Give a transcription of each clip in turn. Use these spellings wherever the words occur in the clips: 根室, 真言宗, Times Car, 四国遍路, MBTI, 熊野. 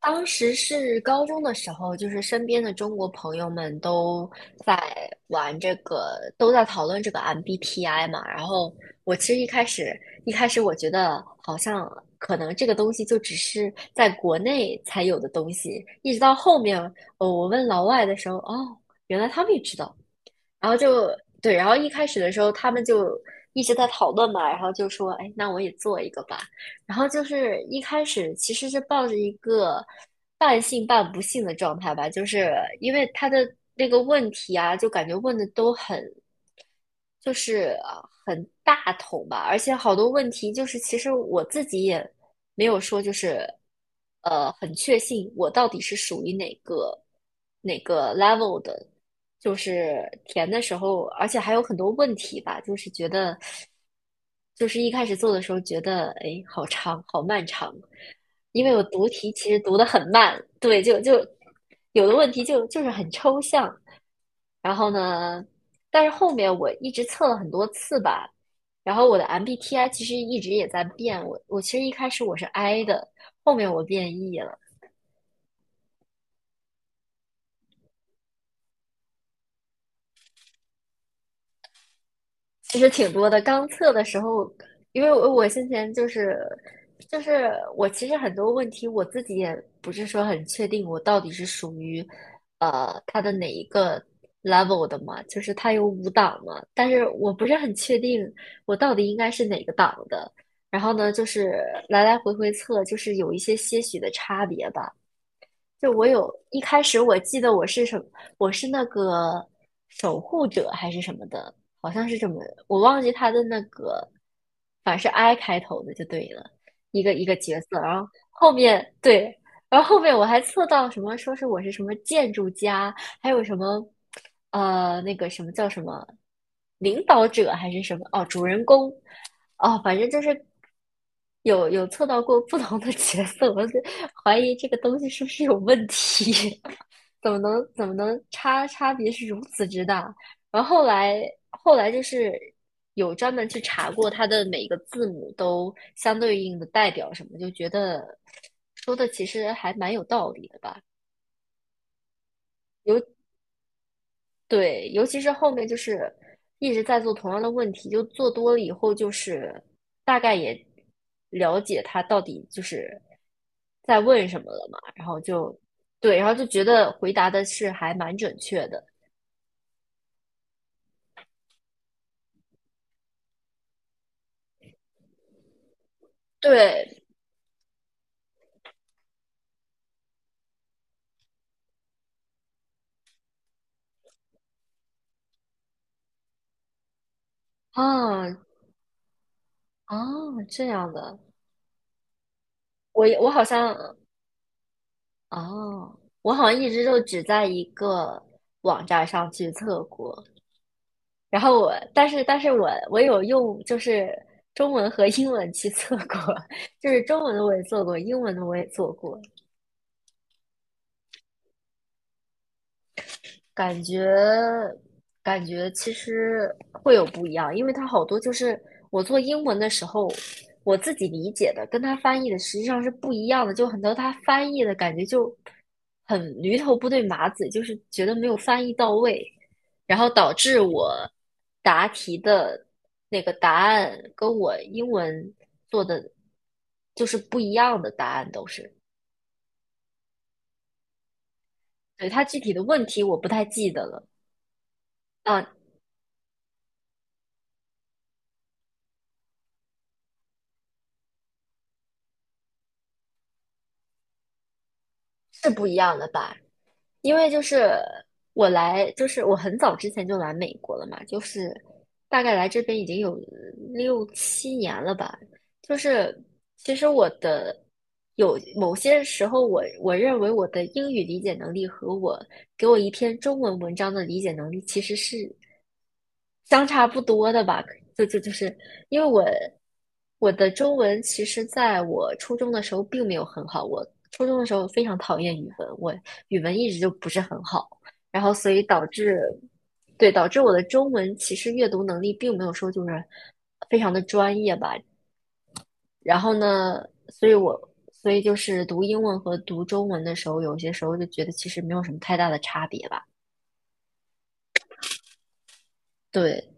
当时是高中的时候，就是身边的中国朋友们都在玩这个，都在讨论这个 MBTI 嘛。然后我其实一开始我觉得好像可能这个东西就只是在国内才有的东西，一直到后面，我问老外的时候，哦，原来他们也知道，然后就对，然后一开始的时候他们就一直在讨论嘛，然后就说，哎，那我也做一个吧。然后就是一开始其实是抱着一个半信半不信的状态吧，就是因为他的那个问题啊，就感觉问的都很就是很大头吧，而且好多问题就是其实我自己也没有说就是很确信我到底是属于哪个 level 的，就是填的时候，而且还有很多问题吧，就是觉得就是一开始做的时候觉得哎好长好漫长，因为我读题其实读的很慢，对，就有的问题就是很抽象。然后呢，但是后面我一直测了很多次吧，然后我的 MBTI 其实一直也在变。我其实一开始我是 I 的，后面我变 E 了。其实挺多的。刚测的时候，因为我先前就是我其实很多问题我自己也不是说很确定，我到底是属于它的哪一个 level 的嘛？就是它有五档嘛，但是我不是很确定我到底应该是哪个档的。然后呢，就是来来回回测，就是有一些些许的差别吧。就我有一开始我记得我是什么，我是那个守护者还是什么的，好像是这么，我忘记他的那个，反正是 I 开头的就对了，一个一个角色，然后后面对，然后后面我还测到什么，说是我是什么建筑家，还有什么那个什么叫什么领导者还是什么哦，主人公，哦，反正就是有测到过不同的角色，我就怀疑这个东西是不是有问题，怎么能差别是如此之大？然后后来就是有专门去查过它的每个字母都相对应的代表什么，就觉得说的其实还蛮有道理的吧。有。对，尤其是后面就是一直在做同样的问题，就做多了以后，就是大概也了解他到底就是在问什么了嘛，然后就对，然后就觉得回答的是还蛮准确的。对，啊啊，这样的，我好像啊，我好像一直就只在一个网站上去测过，然后我，但是我有用就是中文和英文去做过，就是中文的我也做过，英文的我也做过，感觉感觉其实会有不一样，因为它好多就是我做英文的时候，我自己理解的跟它翻译的实际上是不一样的，就很多它翻译的感觉就很驴头不对马嘴，就是觉得没有翻译到位，然后导致我答题的那个答案跟我英文做的就是不一样的答案都是，对，它具体的问题我不太记得了，啊，是不一样的吧？因为就是就是我很早之前就来美国了嘛，就是大概来这边已经有6、7年了吧。就是其实我的有某些时候我认为我的英语理解能力和我给我一篇中文文章的理解能力其实是相差不多的吧，就是因为我的中文其实在我初中的时候并没有很好，我初中的时候非常讨厌语文，我语文一直就不是很好，然后所以导致对导致我的中文其实阅读能力并没有说就是非常的专业吧，然后呢，所以我所以就是读英文和读中文的时候，有些时候就觉得其实没有什么太大的差别吧，对，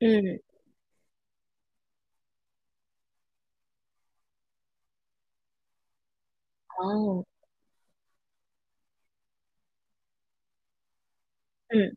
嗯，哦，嗯。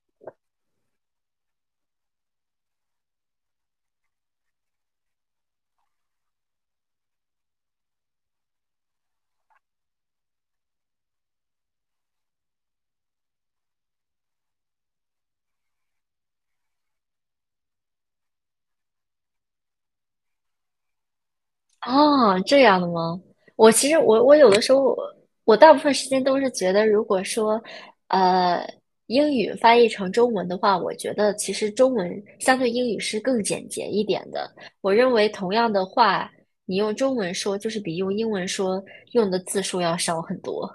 哦，这样的吗？我其实我有的时候我大部分时间都是觉得，如果说呃英语翻译成中文的话，我觉得其实中文相对英语是更简洁一点的。我认为同样的话，你用中文说就是比用英文说用的字数要少很多。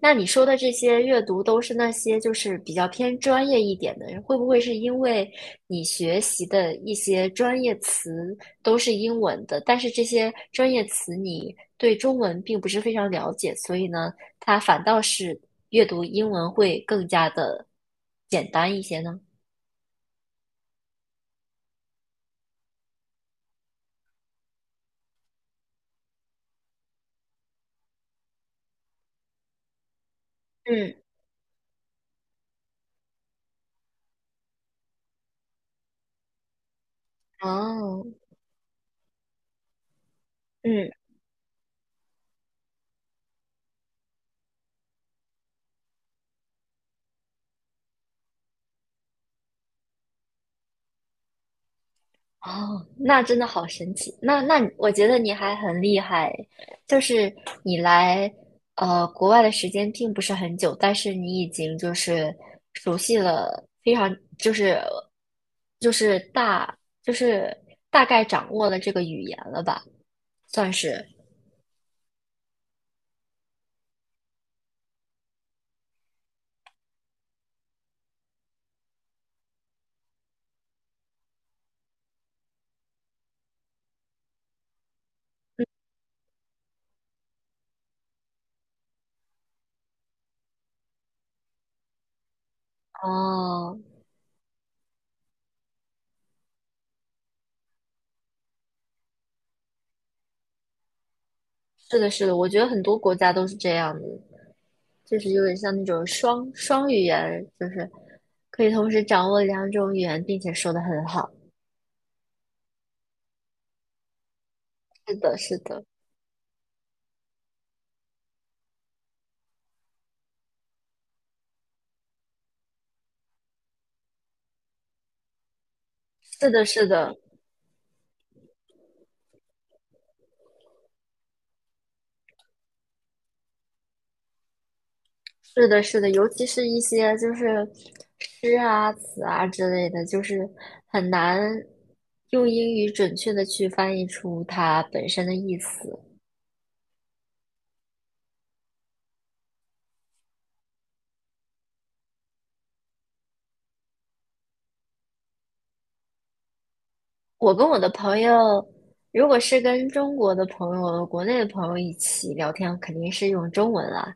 那你说的这些阅读都是那些就是比较偏专业一点的，人，会不会是因为你学习的一些专业词都是英文的，但是这些专业词你对中文并不是非常了解，所以呢，它反倒是阅读英文会更加的简单一些呢？嗯哦，嗯。哦，那真的好神奇。那我觉得你还很厉害，就是你来国外的时间并不是很久，但是你已经就是熟悉了非常就是就是大概掌握了这个语言了吧，算是。哦，是的，是的，我觉得很多国家都是这样子，就是有点像那种双语言，就是可以同时掌握两种语言，并且说的很好。是的，是的。是的，是的，是的，是的，尤其是一些就是诗啊、词啊之类的，就是很难用英语准确的去翻译出它本身的意思。我跟我的朋友，如果是跟中国的朋友、国内的朋友一起聊天，肯定是用中文啦。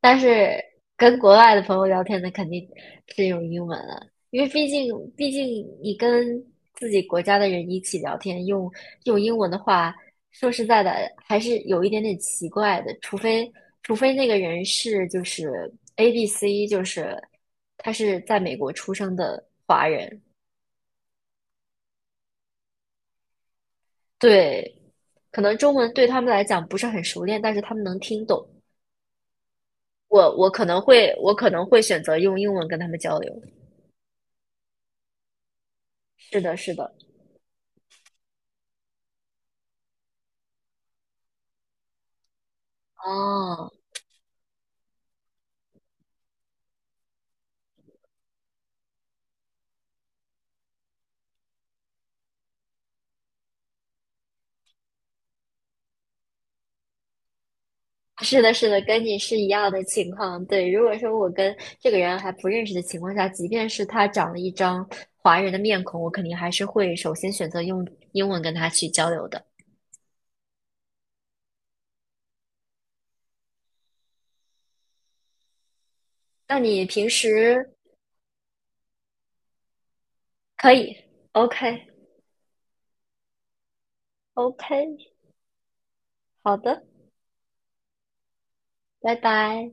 但是跟国外的朋友聊天那肯定是用英文了，因为毕竟你跟自己国家的人一起聊天，用英文的话，说实在的，还是有一点点奇怪的。除非那个人是就是 ABC，就是他是在美国出生的华人，对，可能中文对他们来讲不是很熟练，但是他们能听懂。我我可能会我可能会选择用英文跟他们交流。是的，是的，哦，是的，是的，跟你是一样的情况。对，如果说我跟这个人还不认识的情况下，即便是他长了一张华人的面孔，我肯定还是会首先选择用英文跟他去交流的。那你平时可以，OK，OK，好的，拜拜。